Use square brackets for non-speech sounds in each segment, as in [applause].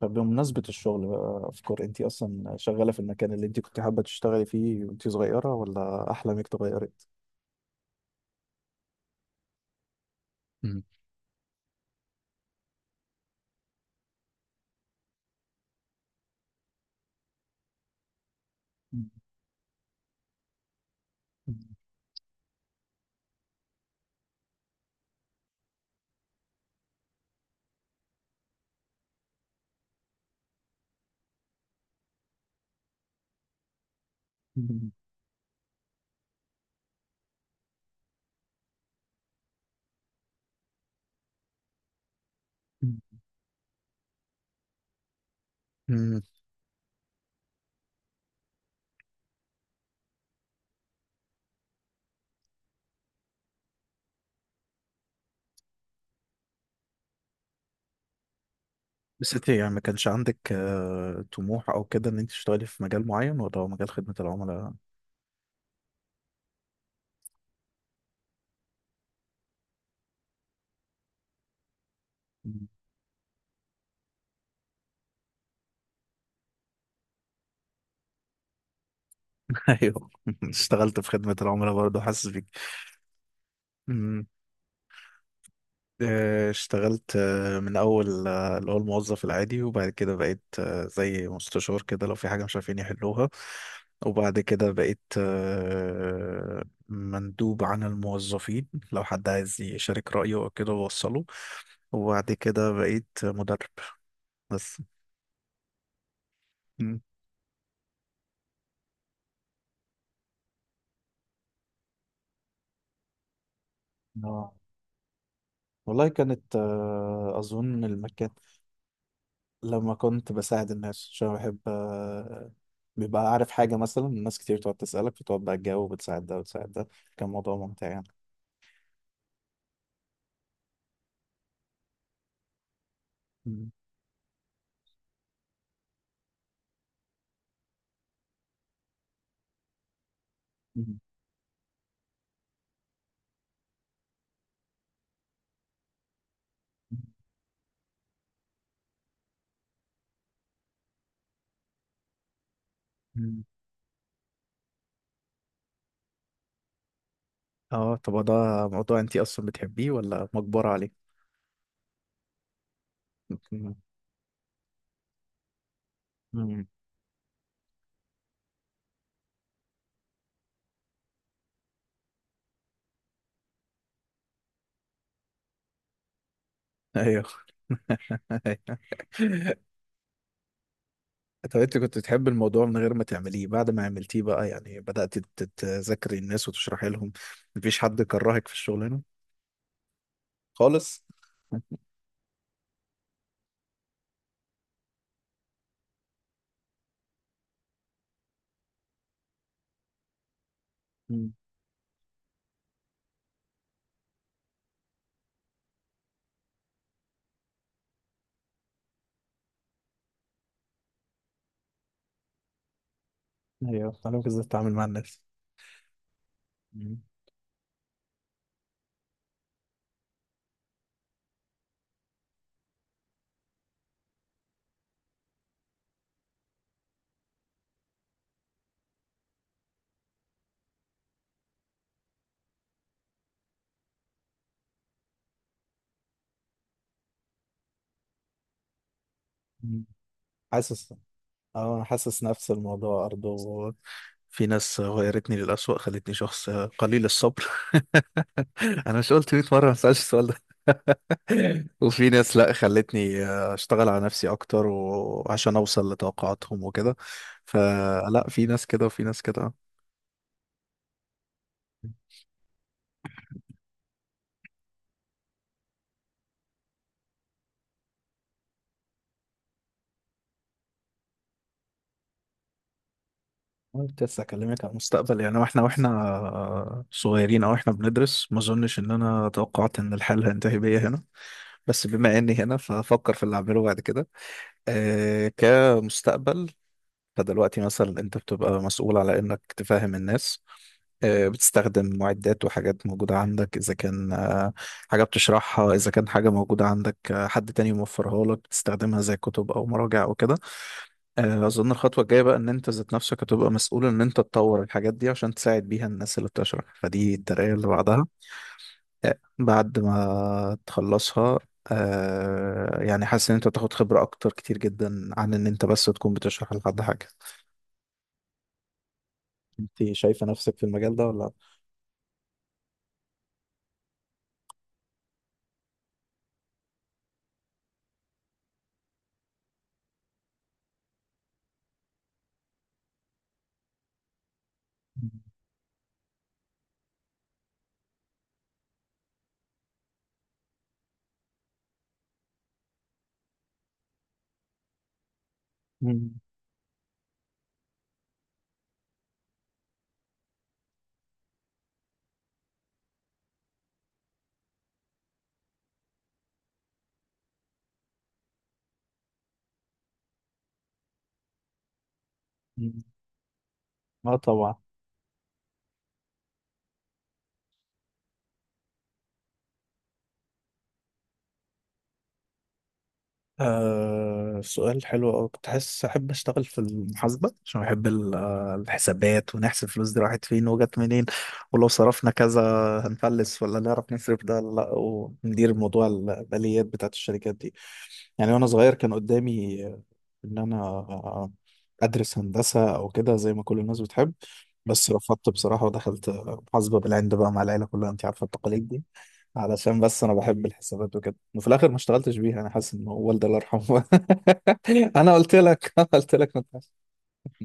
فبمناسبة الشغل بقى أفكار أنت أصلا شغالة في المكان اللي أنت كنت حابة تشتغلي فيه وأنت صغيرة ولا أحلامك اتغيرت؟ مم. بس أنت يعني ما كانش عندك طموح أو كده إن أنت تشتغلي في مجال معين ولا هو مجال خدمة العملاء؟ مم. [laughs] أيوه [laughs] اشتغلت في خدمة العملاء برضه حاسس بيك. اشتغلت من اول اللي هو الموظف العادي وبعد كده بقيت زي مستشار كده لو في حاجه مش عارفين يحلوها. وبعد كده بقيت، مندوب عن الموظفين لو حد عايز يشارك رايه او كده بوصله. وبعد كده بقيت مدرب بس. مم. آه. والله كانت، اظن المكان لما كنت بساعد الناس عشان أنا بحب، بيبقى عارف حاجة مثلا الناس كتير تقعد تسألك فتقعد بقى تجاوب وتساعد ده وتساعد ده، كان موضوع ممتع يعني. مم. مم. مم. اه طب هو ده موضوع انت اصلا بتحبيه ولا مجبرة عليه؟ [laughs] مم. مم. ايوه. [laughs] طب انت كنت بتحب الموضوع من غير ما تعمليه، بعد ما عملتيه بقى يعني بدأت تذاكري الناس وتشرحي لهم، مفيش حد كرهك في الشغلانة خالص؟ مم. أيوه، أنا كنت ازاي أتعامل مع الناس. مم. حاسس. اه انا حاسس نفس الموضوع برضه. في ناس غيرتني للأسوأ، خلتني شخص قليل الصبر. [laughs] انا مش قلت 100 مرة ما اسألش السؤال ده؟ [laughs] وفي ناس لا، خلتني اشتغل على نفسي اكتر وعشان اوصل لتوقعاتهم وكده. فلا، في ناس كده وفي ناس كده. أنا كنت لسه اكلمك عن المستقبل يعني، واحنا صغيرين او احنا بندرس، ما اظنش ان انا توقعت ان الحال هينتهي بيا هنا. بس بما اني هنا فافكر في اللي اعمله بعد كده، كمستقبل. فدلوقتي مثلا انت بتبقى مسؤول على انك تفهم الناس، بتستخدم معدات وحاجات موجودة عندك، إذا كان حاجة بتشرحها، إذا كان حاجة موجودة عندك، حد تاني موفرها لك بتستخدمها زي كتب أو مراجع أو كده. أظن الخطوة الجاية بقى إن أنت ذات نفسك هتبقى مسؤول إن أنت تطور الحاجات دي عشان تساعد بيها الناس اللي بتشرح، فدي الترقية اللي بعدها بعد ما تخلصها. آه يعني حاسس ان انت بتاخد خبرة اكتر كتير جدا عن ان انت بس تكون بتشرح لحد حاجة. انت شايفة نفسك في المجال ده ولا؟ مم. مم. اه طبعا. آه سؤال حلو أوي. كنت حاسس أحب أشتغل في المحاسبة عشان بحب الحسابات، ونحسب الفلوس دي راحت فين وجت منين، ولو صرفنا كذا هنفلس ولا نعرف نصرف ده ولا لأ، وندير موضوع الآليات بتاعت الشركات دي. يعني وأنا صغير كان قدامي إن أنا أدرس هندسة أو كده زي ما كل الناس بتحب، بس رفضت بصراحة ودخلت محاسبة بالعند بقى مع العيلة كلها، أنت عارفة التقاليد دي، علشان بس انا بحب الحسابات وكده. وفي الاخر ما اشتغلتش بيها. انا حاسس ان هو والدي الله يرحمه. [laughs] انا قلت لك [laughs] انا قلت لك ما تخافش. [laughs]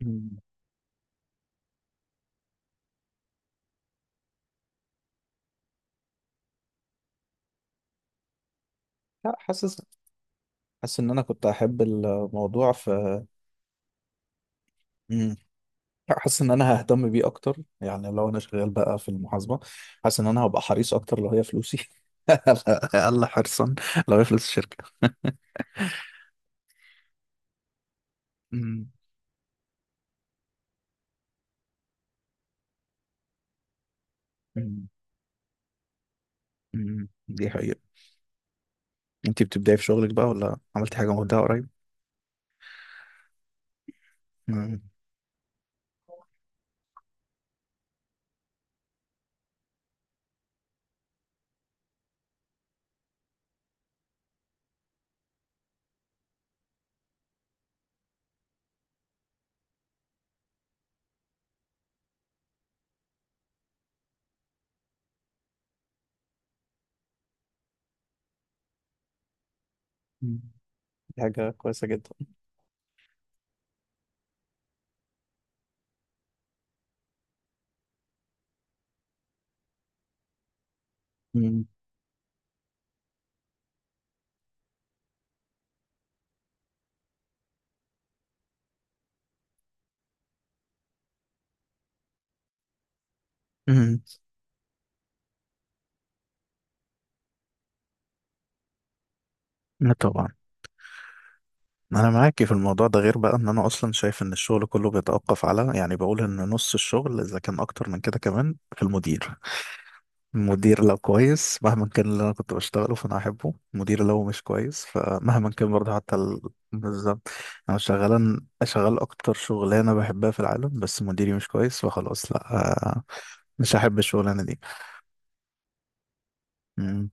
مم. لا حاسس. حاسس ان انا كنت احب الموضوع في. مم. لا، حاسس ان انا ههتم بيه اكتر يعني لو انا شغال بقى في المحاسبه. حاسس ان انا هبقى حريص اكتر لو هي فلوسي. [laughs] اقل حرصا لو هي فلوس الشركه. [laughs] مم. مم. مم. دي حقيقه. انت بتبداي في شغلك بقى ولا عملتي حاجه مبدعه قريب؟ مم. مم. دي حاجه كويسه جدا. مم. مم. لا طبعا. انا معاكي في الموضوع ده، غير بقى ان انا اصلا شايف ان الشغل كله بيتوقف على يعني بقول ان نص الشغل اذا كان اكتر من كده كمان في المدير. المدير لو كويس مهما كان اللي انا كنت بشتغله فانا احبه، المدير لو مش كويس فمهما كان برضه حتى ال... بالظبط. انا شغال شغال اكتر شغلانه بحبها في العالم بس مديري مش كويس فخلاص لا، آه، مش هحب الشغلانه دي. مم.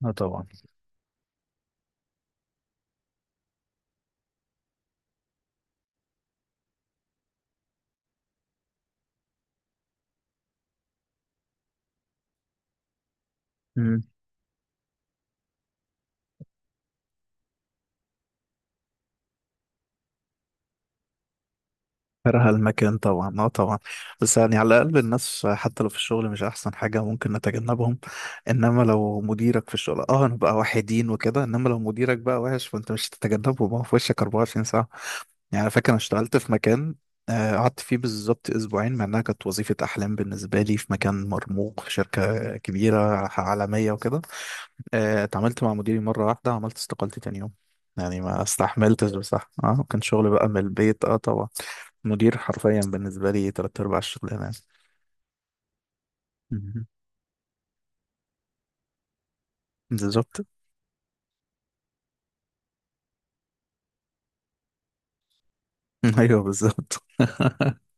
لا طبعا. كره المكان طبعا، اه طبعا. بس يعني على الاقل الناس حتى لو في الشغل مش احسن حاجه ممكن نتجنبهم، انما لو مديرك في الشغل اه نبقى واحدين وكده، انما لو مديرك بقى وحش فانت مش هتتجنبه، ما هو في وشك 24 ساعه يعني. أنا فاكر انا اشتغلت في مكان، قعدت فيه بالظبط 2 اسبوع مع انها كانت وظيفه احلام بالنسبه لي، في مكان مرموق في شركه كبيره عالميه وكده. اتعاملت مع مديري مره واحده عملت استقالتي تاني يوم، يعني ما استحملتش. بصح اه كان شغل بقى من البيت اه طبعا. مدير حرفيا بالنسبة لي 3/4 الشغلانة. مهم. بالظبط. [laughs] أيوه بالظبط. [laughs]